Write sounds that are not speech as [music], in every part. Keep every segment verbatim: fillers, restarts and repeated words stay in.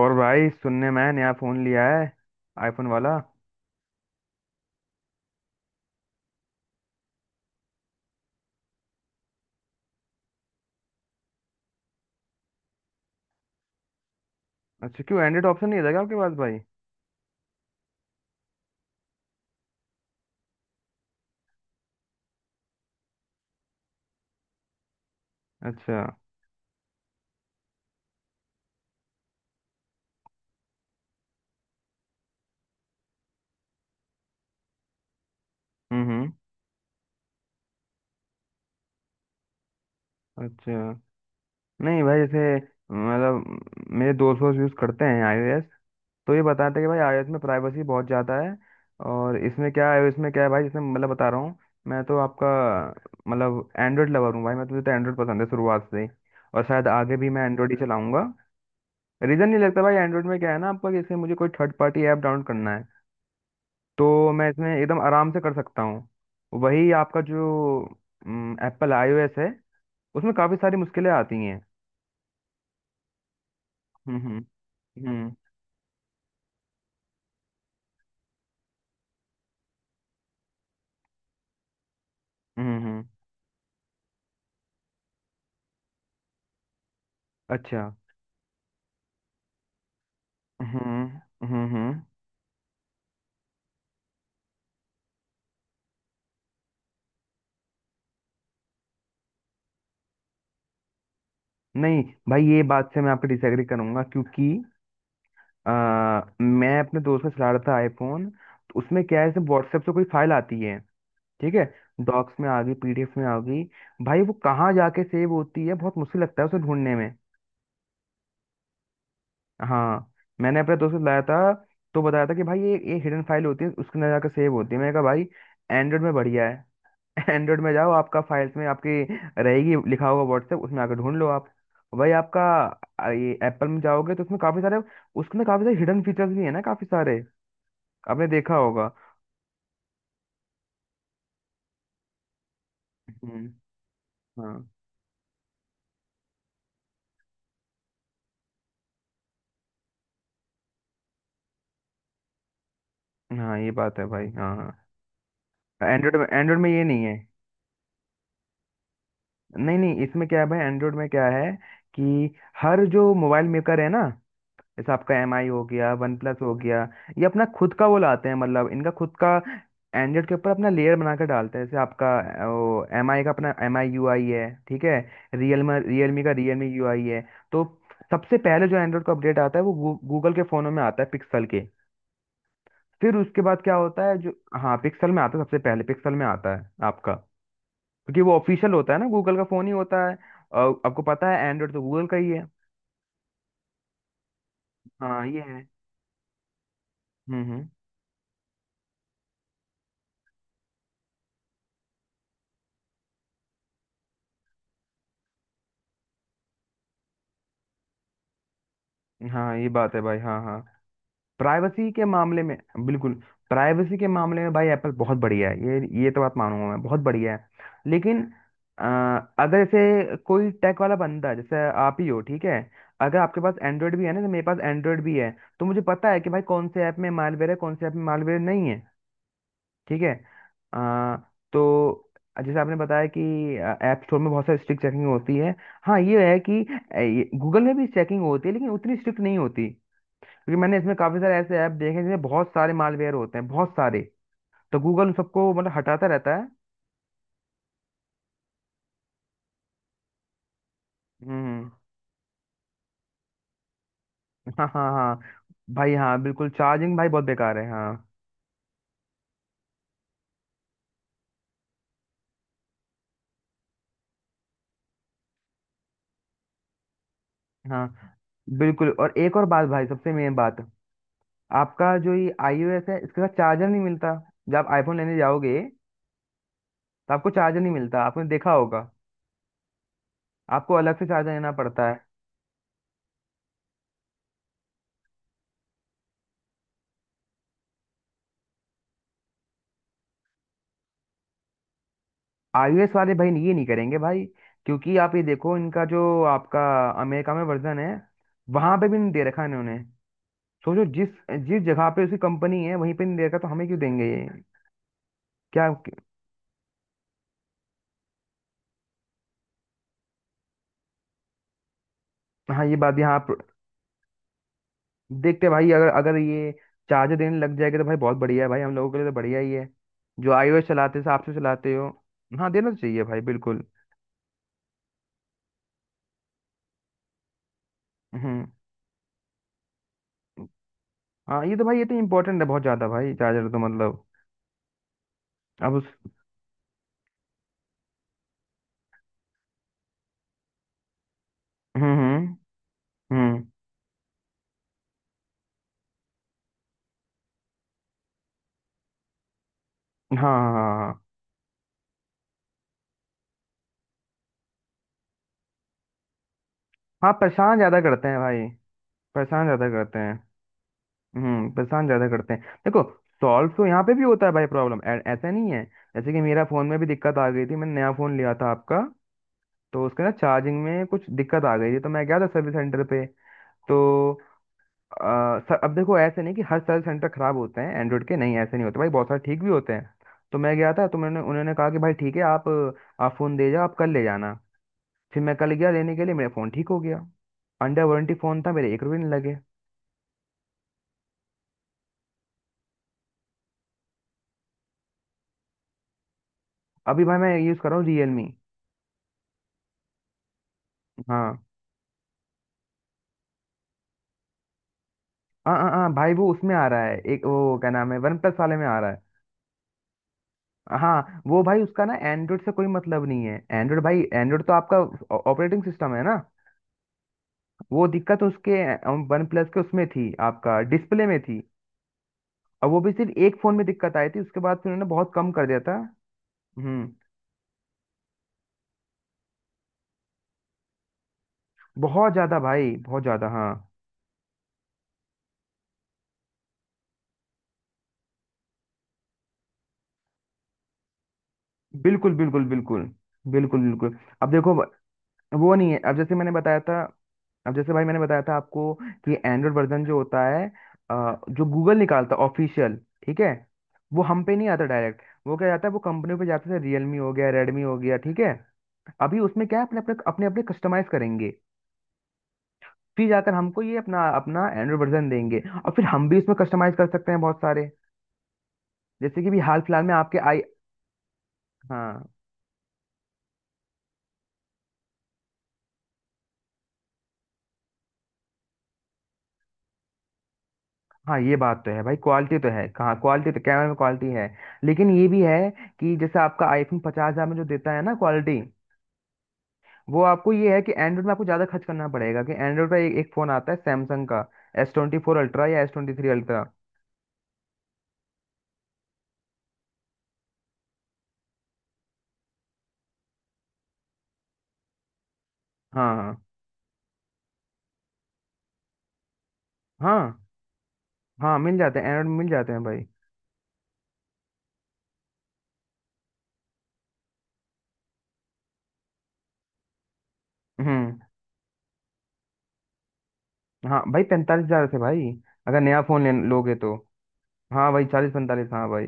और भाई, सुनने में आया नया फोन लिया है, आईफोन वाला। अच्छा, क्यों एंड्रॉइड ऑप्शन नहीं था क्या आपके पास भाई? अच्छा। हम्म हम्म। अच्छा। नहीं भाई, जैसे मतलब मेरे दोस्त वोस्त यूज़ करते हैं आईओएस, तो ये बताते हैं कि भाई आईओएस में प्राइवेसी बहुत ज़्यादा है। और इसमें क्या है, इसमें क्या है भाई, जैसे मतलब बता रहा हूँ। मैं तो आपका मतलब एंड्रॉइड लवर हूँ भाई, मैं तुझे तो एंड्रॉइड पसंद है शुरुआत से ही। और शायद आगे भी मैं एंड्रॉइड ही चलाऊंगा। रीज़न नहीं लगता भाई, एंड्रॉइड में क्या है ना आपका, जैसे मुझे कोई थर्ड पार्टी ऐप डाउनलोड करना है तो मैं इसमें एकदम आराम से कर सकता हूँ। वही आपका जो एप्पल आईओएस है उसमें काफ़ी सारी मुश्किलें आती हैं। हम्म हम्म हम्म हम्म हम्म। अच्छा। हम्म हम्म हम्म। नहीं भाई, ये बात से मैं आपको डिसएग्री करूंगा, क्योंकि आ, मैं अपने दोस्त से चला रहा था आईफोन, तो उसमें क्या है जैसे व्हाट्सएप से कोई फाइल आती है। ठीक है। डॉक्स में आ गई, पीडीएफ में आ गई, भाई वो कहाँ जाके सेव होती है, बहुत मुश्किल लगता है उसे ढूंढने में। हाँ। मैंने अपने दोस्त को लाया था, तो बताया था कि भाई ये ये हिडन फाइल होती है, उसके अंदर जाकर सेव होती है। मैंने कहा भाई एंड्रॉइड में बढ़िया है। [laughs] एंड्रॉइड में जाओ, आपका फाइल्स में आपकी रहेगी, लिखा होगा व्हाट्सएप, उसमें आकर ढूंढ लो आप। भाई आपका आ, ये एप्पल में जाओगे तो उसमें काफी सारे, उसमें काफी सारे हिडन फीचर्स भी है ना, काफी सारे आपने देखा होगा। हम्म। हाँ हाँ, ये बात है भाई, हाँ हाँ। एंड्रॉइड में एंड्रॉइड में ये नहीं है। नहीं नहीं, इसमें क्या है भाई, एंड्रॉइड में क्या है कि हर जो मोबाइल मेकर है ना, जैसे आपका एम आई हो गया, वन प्लस हो गया, ये अपना खुद का वो लाते हैं, मतलब इनका खुद का एंड्रॉइड के ऊपर अपना लेयर बना कर डालते हैं। जैसे आपका अ, वो एम आई का अपना एम आई यू आई है, ठीक है, रियलमी रियलमी का रियलमी यू आई है। तो सबसे पहले जो एंड्रॉइड का अपडेट आता है वो गूगल के फ़ोनों में आता है, पिक्सल के। फिर उसके बाद क्या होता है जो। हाँ, पिक्सल में आता है, सबसे पहले पिक्सल में आता है आपका, क्योंकि वो ऑफिशियल होता है ना, गूगल का फ़ोन ही होता है। और आपको पता है एंड्रॉइड तो गूगल का ही है। हाँ ये है। हम्म हम्म। हाँ ये बात है भाई, हाँ हाँ। प्राइवेसी के मामले में। बिल्कुल। प्राइवेसी के मामले में भाई एप्पल बहुत बढ़िया है, ये ये तो बात मानूंगा मैं, बहुत बढ़िया है। लेकिन अ, अगर जैसे कोई टेक वाला बंदा जैसे आप ही हो, ठीक है, अगर आपके पास एंड्रॉयड भी है ना, जैसे मेरे पास एंड्रॉयड भी है, तो मुझे पता है कि भाई कौन से ऐप में मालवेयर है, कौन से ऐप में मालवेयर नहीं है। ठीक है। अ, तो जैसे आपने बताया कि ऐप स्टोर में बहुत सारी स्ट्रिक्ट चेकिंग होती है। हाँ ये है कि गूगल में भी चेकिंग होती है, लेकिन उतनी स्ट्रिक्ट नहीं होती, क्योंकि मैंने इसमें काफी सारे ऐसे ऐप देखे हैं जिसमें बहुत सारे मालवेयर होते हैं, बहुत सारे। तो गूगल उन सबको मतलब हटाता रहता है। हम्म। हाँ हाँ हाँ भाई, हाँ बिल्कुल, चार्जिंग भाई बहुत बेकार है, हाँ। हाँ बिल्कुल, और एक और बात भाई, सबसे मेन बात, आपका जो ये आईओएस है इसके साथ चार्जर नहीं मिलता। जब आप आईफोन लेने जाओगे तो आपको चार्जर नहीं मिलता, आपने देखा होगा। आपको अलग से चार्जर लेना पड़ता है। आईओएस वाले भाई ये नहीं करेंगे भाई, क्योंकि आप ये देखो इनका जो आपका अमेरिका में वर्जन है, वहां पे भी नहीं दे रखा इन्होंने। सोचो जिस जिस जगह पे उसकी कंपनी है, वहीं पे नहीं देगा तो हमें क्यों देंगे ये? क्या? हाँ ये बात यहाँ पर- देखते हैं भाई, अगर अगर ये चार्जर देने लग जाएगा तो भाई बहुत बढ़िया है, भाई हम लोगों के लिए तो बढ़िया ही है, जो iOS चलाते हो आप से चलाते हो। हाँ देना तो चाहिए भाई, बिल्कुल। हम्म। हाँ ये तो भाई, ये तो इम्पोर्टेंट है बहुत ज्यादा भाई, चार्जर तो मतलब, अब उस। हम्म हम्म हम्म। हाँ हाँ हाँ हाँ। हाँ, परेशान ज्यादा करते हैं भाई, परेशान ज्यादा करते हैं। हम्म, परेशान ज्यादा करते हैं देखो, सॉल्व तो यहाँ पे भी होता है भाई प्रॉब्लम, ऐसा नहीं है। जैसे कि मेरा फोन में भी दिक्कत आ गई थी, मैंने नया फोन लिया था आपका, तो उसके ना चार्जिंग में कुछ दिक्कत आ गई थी, तो मैं गया था सर्विस सेंटर पे। तो आ, सर, अब देखो, ऐसे नहीं कि हर सर्विस सेंटर खराब होते हैं एंड्रॉइड के, नहीं ऐसे नहीं होते भाई, बहुत सारे ठीक भी होते हैं। तो मैं गया था, तो मैंने उन्होंने कहा कि भाई ठीक है, आप आप फोन दे जाओ, आप कल ले जाना। फिर मैं कल गया लेने के लिए, मेरा फोन ठीक हो गया। अंडर वारंटी फोन था, मेरे एक रुपये नहीं लगे। अभी भाई मैं यूज कर रहा हूँ रियलमी। हाँ, हाँ हाँ हाँ भाई, वो उसमें आ रहा है एक, वो क्या नाम है, वन प्लस वाले में आ रहा है। हाँ वो भाई उसका ना एंड्रॉइड से कोई मतलब नहीं है, एंड्रॉइड भाई, एंड्रॉइड तो आपका ऑपरेटिंग सिस्टम है ना। वो दिक्कत उसके वन प्लस के उसमें थी, आपका डिस्प्ले में थी। और वो भी सिर्फ एक फोन में दिक्कत आई थी, उसके बाद फिर उन्होंने बहुत कम कर दिया था। हम्म। बहुत ज्यादा भाई, बहुत ज्यादा, हाँ। बिल्कुल बिल्कुल बिल्कुल। बिल्कुल बिल्कुल, अब देखो, वो नहीं है। अब जैसे मैंने बताया था, अब जैसे भाई मैंने बताया था आपको कि एंड्रॉयड वर्जन जो होता है, अ, जो गूगल निकालता है ऑफिशियल, ठीक है, वो हम पे नहीं आता डायरेक्ट। वो क्या जाता है, वो कंपनी पे जाता है, रियलमी हो गया, रेडमी हो गया, ठीक है। अभी उसमें क्या है, अपने अपने अपने अपने कस्टमाइज करेंगे, फिर जाकर हमको ये अपना अपना एंड्रॉयड वर्जन देंगे, और फिर हम भी इसमें कस्टमाइज कर सकते हैं बहुत सारे, जैसे कि भी हाल फिलहाल में आपके आई। हाँ हाँ, ये बात तो है भाई, क्वालिटी तो है कहाँ, क्वालिटी तो कैमरा में क्वालिटी है। लेकिन ये भी है कि जैसे आपका आईफोन पचास हजार में जो देता है ना क्वालिटी, वो आपको ये है कि एंड्रॉइड में आपको ज़्यादा खर्च करना पड़ेगा, कि एंड्रॉइड का एक, एक फ़ोन आता है सैमसंग का, एस ट्वेंटी फोर अल्ट्रा या एस ट्वेंटी थ्री अल्ट्रा। हाँ हाँ। हाँ। हाँ मिल जाते हैं, एंड्रॉइड में मिल जाते हैं भाई। हम्म। हाँ भाई, पैंतालीस हजार से भाई, अगर नया फ़ोन ले लोगे तो। हाँ भाई चालीस पैंतालीस, हाँ भाई।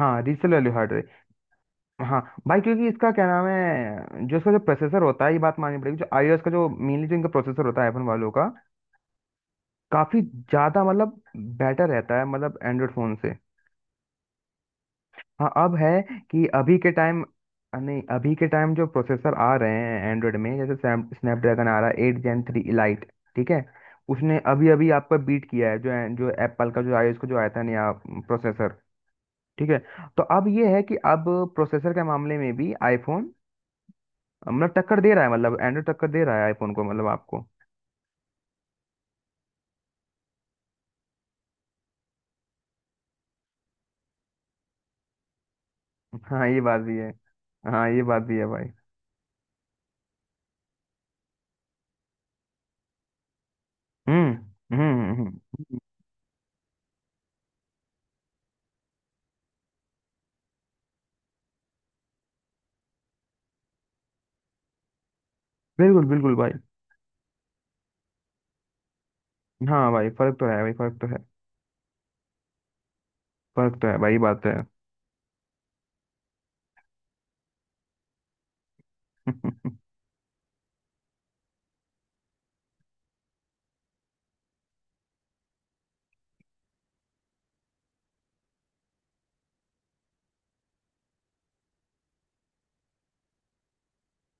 हाँ रीसेल वैल्यू हट। हाँ भाई, क्योंकि इसका क्या नाम है, जो इसका जो प्रोसेसर होता है, ये बात माननी पड़ेगी, जो iOS का जो मेनली जो इनका प्रोसेसर होता है आईफोन वालों का, काफी ज्यादा मतलब बेटर रहता है मतलब एंड्रॉयड फोन से। हाँ अब है कि अभी के टाइम, नहीं अभी के टाइम जो प्रोसेसर आ रहे हैं एंड्रॉयड में, जैसे स्नैपड्रैगन आ रहा है एट जेन थ्री इलाइट, ठीक है, उसने अभी अभी आपका बीट किया है, जो जो एप्पल का जो iOS का जो आया था नया प्रोसेसर, ठीक है, तो अब ये है कि अब प्रोसेसर के मामले में भी आईफोन मतलब टक्कर दे रहा है, मतलब एंड्रॉइड टक्कर दे रहा है आईफोन को मतलब आपको। हाँ ये बात भी है। हाँ ये बात भी है भाई। हम्म हम्म हम्म, हम्म, हम्म। बिल्कुल बिल्कुल भाई। हाँ भाई फर्क तो है भाई, फर्क तो है, फर्क तो है भाई, ये बात तो है।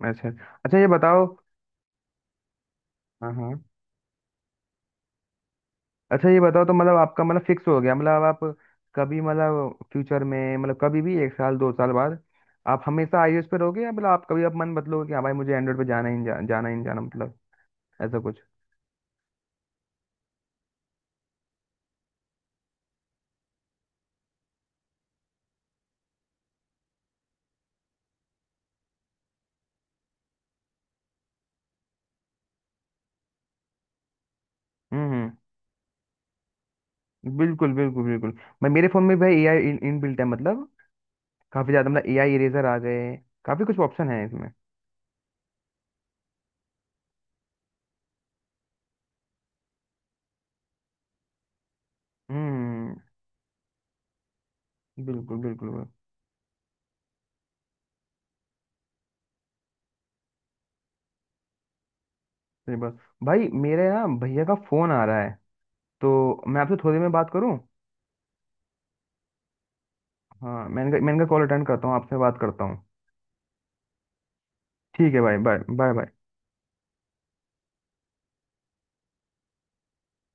[laughs] अच्छा। अच्छा ये बताओ। हाँ हाँ। अच्छा ये बताओ, तो मतलब आपका मतलब फिक्स हो गया मतलब आप, कभी मतलब फ्यूचर में, मतलब कभी भी एक साल दो साल बाद, आप हमेशा आईओएस पे रहोगे या मतलब आप कभी आप मन बदलोगे कि हाँ भाई मुझे एंड्रॉइड पे जाना ही नहीं, जा, जाना ही नहीं जाना, मतलब ऐसा कुछ? हम्म हम्म। बिल्कुल बिल्कुल बिल्कुल। मैं मेरे फोन में भाई एआई इन, इनबिल्ट है, मतलब काफी ज्यादा, मतलब एआई इरेजर आ गए, काफी कुछ ऑप्शन है इसमें। हम्म। बिल्कुल बिल्कुल बिल्कुल। सही बात। भाई मेरे ना भैया का फोन आ रहा है, तो मैं आपसे थोड़ी देर में बात करूँ? हाँ, मैं इनका मैं इनका कॉल अटेंड करता हूँ, आपसे बात करता हूँ। ठीक है भाई, बाय बाय बाय।